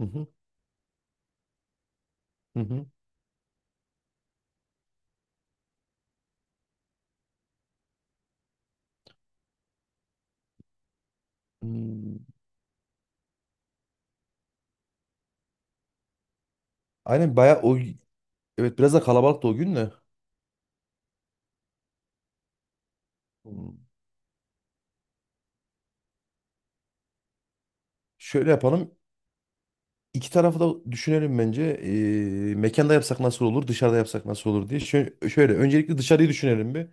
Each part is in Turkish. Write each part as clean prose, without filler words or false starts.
Hı hı, hı hı. Hmm. Aynen bayağı o, evet biraz da kalabalıktı o gün de. Hmm. Şöyle yapalım. İki tarafı da düşünelim bence. Mekanda yapsak nasıl olur, dışarıda yapsak nasıl olur diye. Şöyle, öncelikle dışarıyı düşünelim bir.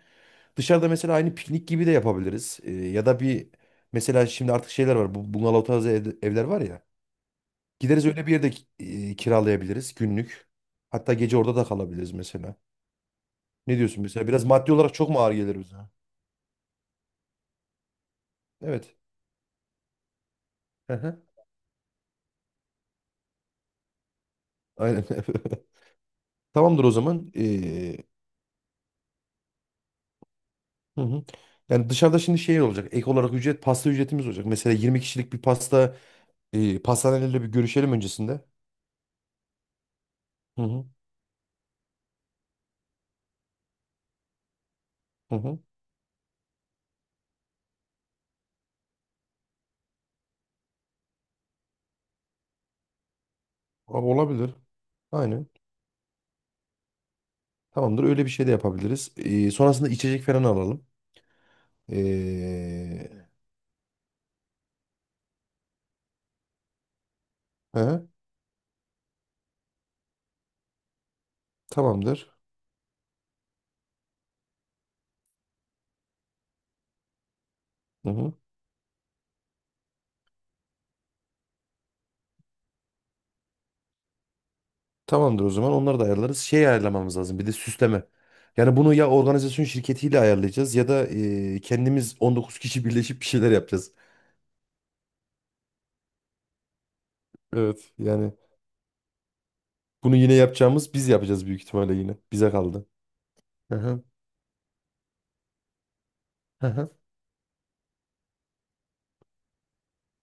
Dışarıda mesela aynı piknik gibi de yapabiliriz. Ya da bir mesela şimdi artık şeyler var. Bu bungalov tarzı evler var ya. Gideriz öyle bir yerde e, kiralayabiliriz günlük. Hatta gece orada da kalabiliriz mesela. Ne diyorsun mesela? Biraz maddi olarak çok mu ağır gelir bize? Evet. Hı hı. Aynen. Tamamdır o zaman. Hı hı. Yani dışarıda şimdi şey olacak. Ek olarak ücret pasta ücretimiz olacak. Mesela 20 kişilik bir pasta e, pastanelerle bir görüşelim öncesinde. Hı hı. Hı hı. Abi olabilir. Aynen. Tamamdır. Öyle bir şey de yapabiliriz. Sonrasında içecek falan alalım. Ee, he, tamamdır. Hı hı. Tamamdır o zaman. Onları da ayarlarız. Şey ayarlamamız lazım. Bir de süsleme. Yani bunu ya organizasyon şirketiyle ayarlayacağız ya da e, kendimiz 19 kişi birleşip bir şeyler yapacağız. Evet. Yani bunu yine yapacağımız biz yapacağız büyük ihtimalle yine. Bize kaldı. Hı hı, hı hı.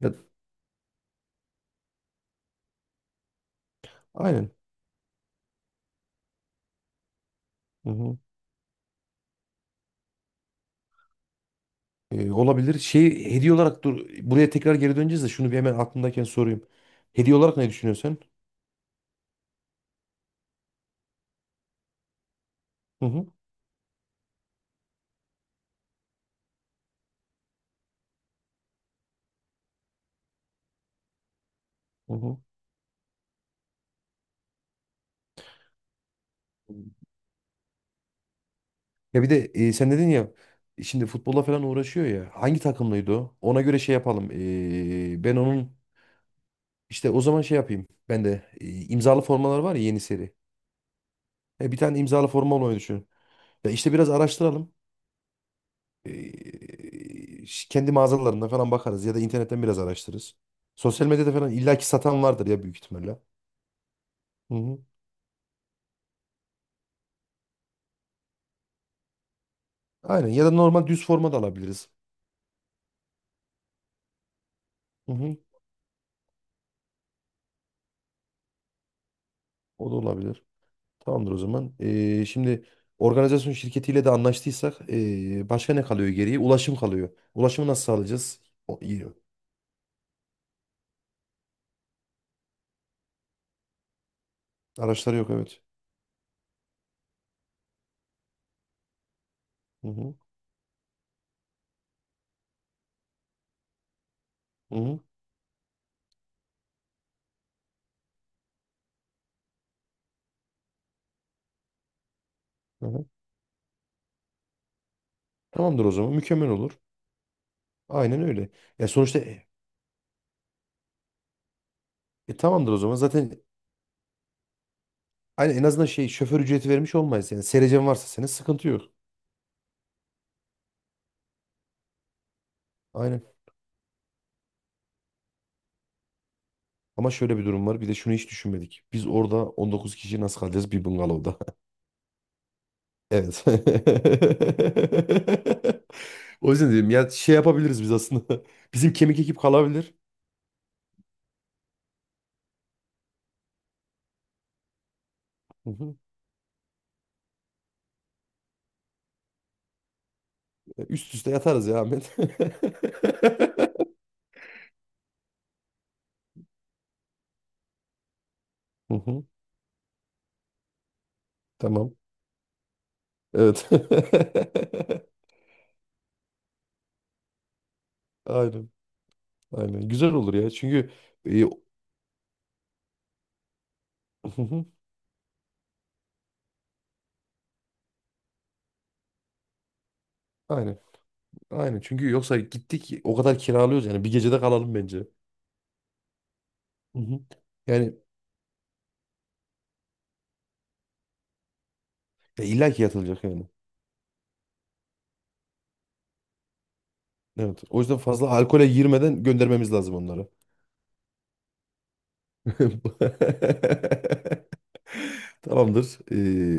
Ya- Aynen. Hı hı. Olabilir. Şey hediye olarak dur. Buraya tekrar geri döneceğiz de şunu bir hemen aklımdayken sorayım. Hediye olarak ne düşünüyorsun sen? Hı hı, hı hı. Ya bir de e, sen dedin ya şimdi futbolla falan uğraşıyor ya. Hangi takımlıydı o? Ona göre şey yapalım. Ben onun işte o zaman şey yapayım. Ben de e, imzalı formalar var ya yeni seri. E, bir tane imzalı forma olmayı düşünüyorum. Ya işte biraz araştıralım. Kendi mağazalarında falan bakarız ya da internetten biraz araştırırız. Sosyal medyada falan illaki satan vardır ya büyük ihtimalle. Hı hı. Aynen ya da normal düz forma da alabiliriz. Hı hı. O da olabilir. Tamamdır o zaman. Şimdi organizasyon şirketiyle de anlaştıysak başka ne kalıyor geriye? Ulaşım kalıyor. Ulaşımı nasıl sağlayacağız? O, iyi. Araçları yok evet. Hı hı. Hı hı. Hı hı. Tamamdır o zaman. Mükemmel olur. Aynen öyle. Ya, sonuçta tamamdır o zaman. Aynen en azından şey şoför ücreti vermiş olmayız. Yani serecen varsa senin sıkıntı yok. Aynen. Ama şöyle bir durum var. Bir de şunu hiç düşünmedik. Biz orada 19 kişi nasıl kalacağız bir bungalovda? Evet. O yüzden dedim ya şey yapabiliriz biz aslında. Bizim kemik ekip kalabilir. Hı hı. E, üst üste yatarız ya Ahmet. Hı hı. Tamam. Evet. Aynen. Aynen. Güzel olur ya. Çünkü e, hı hı. Aynen. Aynen çünkü yoksa gittik o kadar kiralıyoruz yani bir gecede kalalım bence. Hı hı. Yani e, illa ki yatılacak yani. Evet. O yüzden fazla alkole girmeden göndermemiz lazım onları. Tamamdır.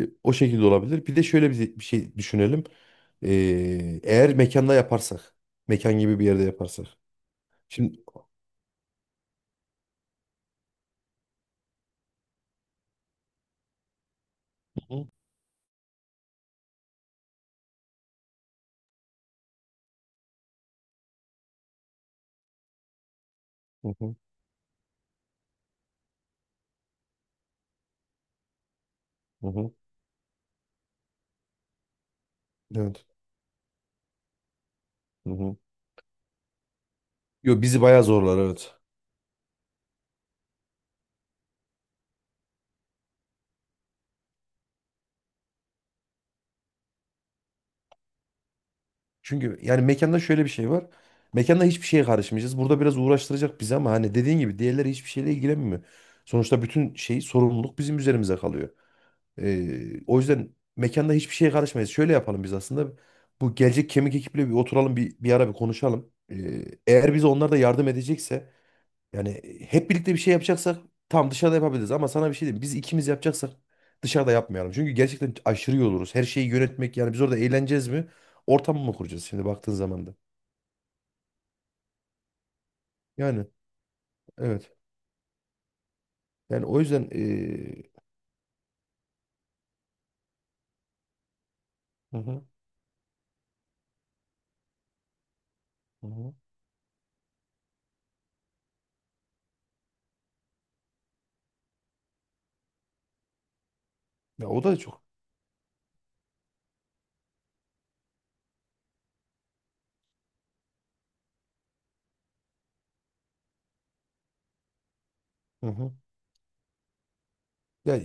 O şekilde olabilir. Bir de şöyle bir şey düşünelim. Eğer mekanda yaparsak, mekan gibi bir yerde yaparsak. Şimdi hı hı. Hı hı. Hı hı. Evet. Hı hı. Yo bizi bayağı zorlar evet. Çünkü yani mekanda şöyle bir şey var. Mekanda hiçbir şeye karışmayacağız. Burada biraz uğraştıracak bizi ama hani dediğin gibi diğerleri hiçbir şeyle ilgilenmiyor. Sonuçta bütün şey sorumluluk bizim üzerimize kalıyor. O yüzden mekanda hiçbir şeye karışmayız. Şöyle yapalım biz aslında. Bu gelecek kemik ekiple bir oturalım bir ara bir konuşalım. Eğer bize onlar da yardım edecekse yani hep birlikte bir şey yapacaksak tam dışarıda yapabiliriz ama sana bir şey diyeyim. Biz ikimiz yapacaksak dışarıda yapmayalım. Çünkü gerçekten aşırı yoruluruz. Her şeyi yönetmek yani biz orada eğleneceğiz mi? Ortam mı kuracağız şimdi baktığın zaman da? Yani evet. Yani o yüzden hı hı, hı hı. Ya o da çok. Hı hı. Ya,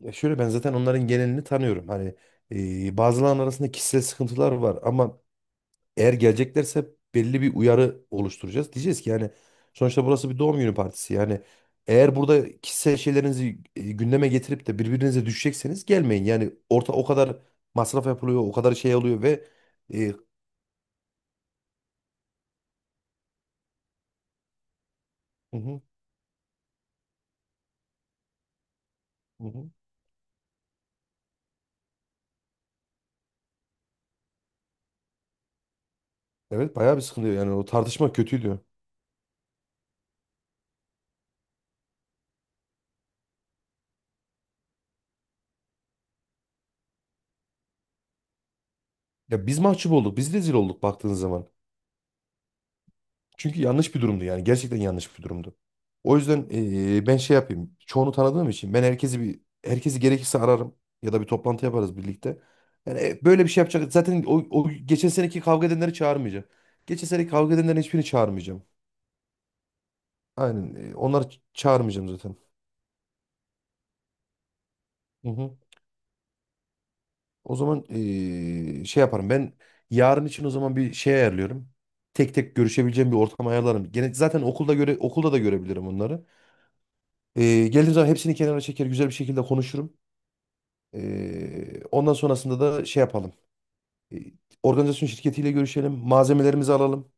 ya şöyle ben zaten onların genelini tanıyorum. Hani bazılarının arasında kişisel sıkıntılar var ama eğer geleceklerse belli bir uyarı oluşturacağız. Diyeceğiz ki yani sonuçta burası bir doğum günü partisi. Yani eğer burada kişisel şeylerinizi e, gündeme getirip de birbirinize düşecekseniz gelmeyin. Yani orta o kadar masraf yapılıyor, o kadar şey oluyor ve e, hı hı, hı hı. Evet bayağı bir sıkıntı yani o tartışma kötüydü. Ya biz mahcup olduk, biz rezil olduk baktığınız zaman. Çünkü yanlış bir durumdu yani. Gerçekten yanlış bir durumdu. O yüzden ben şey yapayım. Çoğunu tanıdığım için ben herkesi gerekirse ararım ya da bir toplantı yaparız birlikte. Yani e, böyle bir şey yapacak. Zaten o geçen seneki kavga edenleri çağırmayacağım. Geçen seneki kavga edenlerin hiçbirini çağırmayacağım. Aynen. E, çağırmayacağım zaten. Hı hı. O zaman şey yaparım. Ben yarın için o zaman bir şey ayarlıyorum. Tek tek görüşebileceğim bir ortam ayarlarım. Gene zaten okulda da görebilirim onları. Geldiğim zaman hepsini kenara çeker, güzel bir şekilde konuşurum. Ondan sonrasında da şey yapalım. Ee, Organizasyon şirketiyle görüşelim. Malzemelerimizi alalım.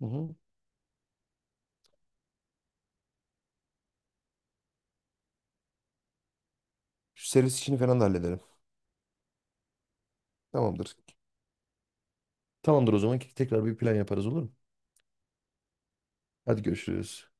Hı hı. Şu servis işini falan da halledelim. Tamamdır. Tamamdır o zaman. Tekrar bir plan yaparız olur mu? Hadi görüşürüz.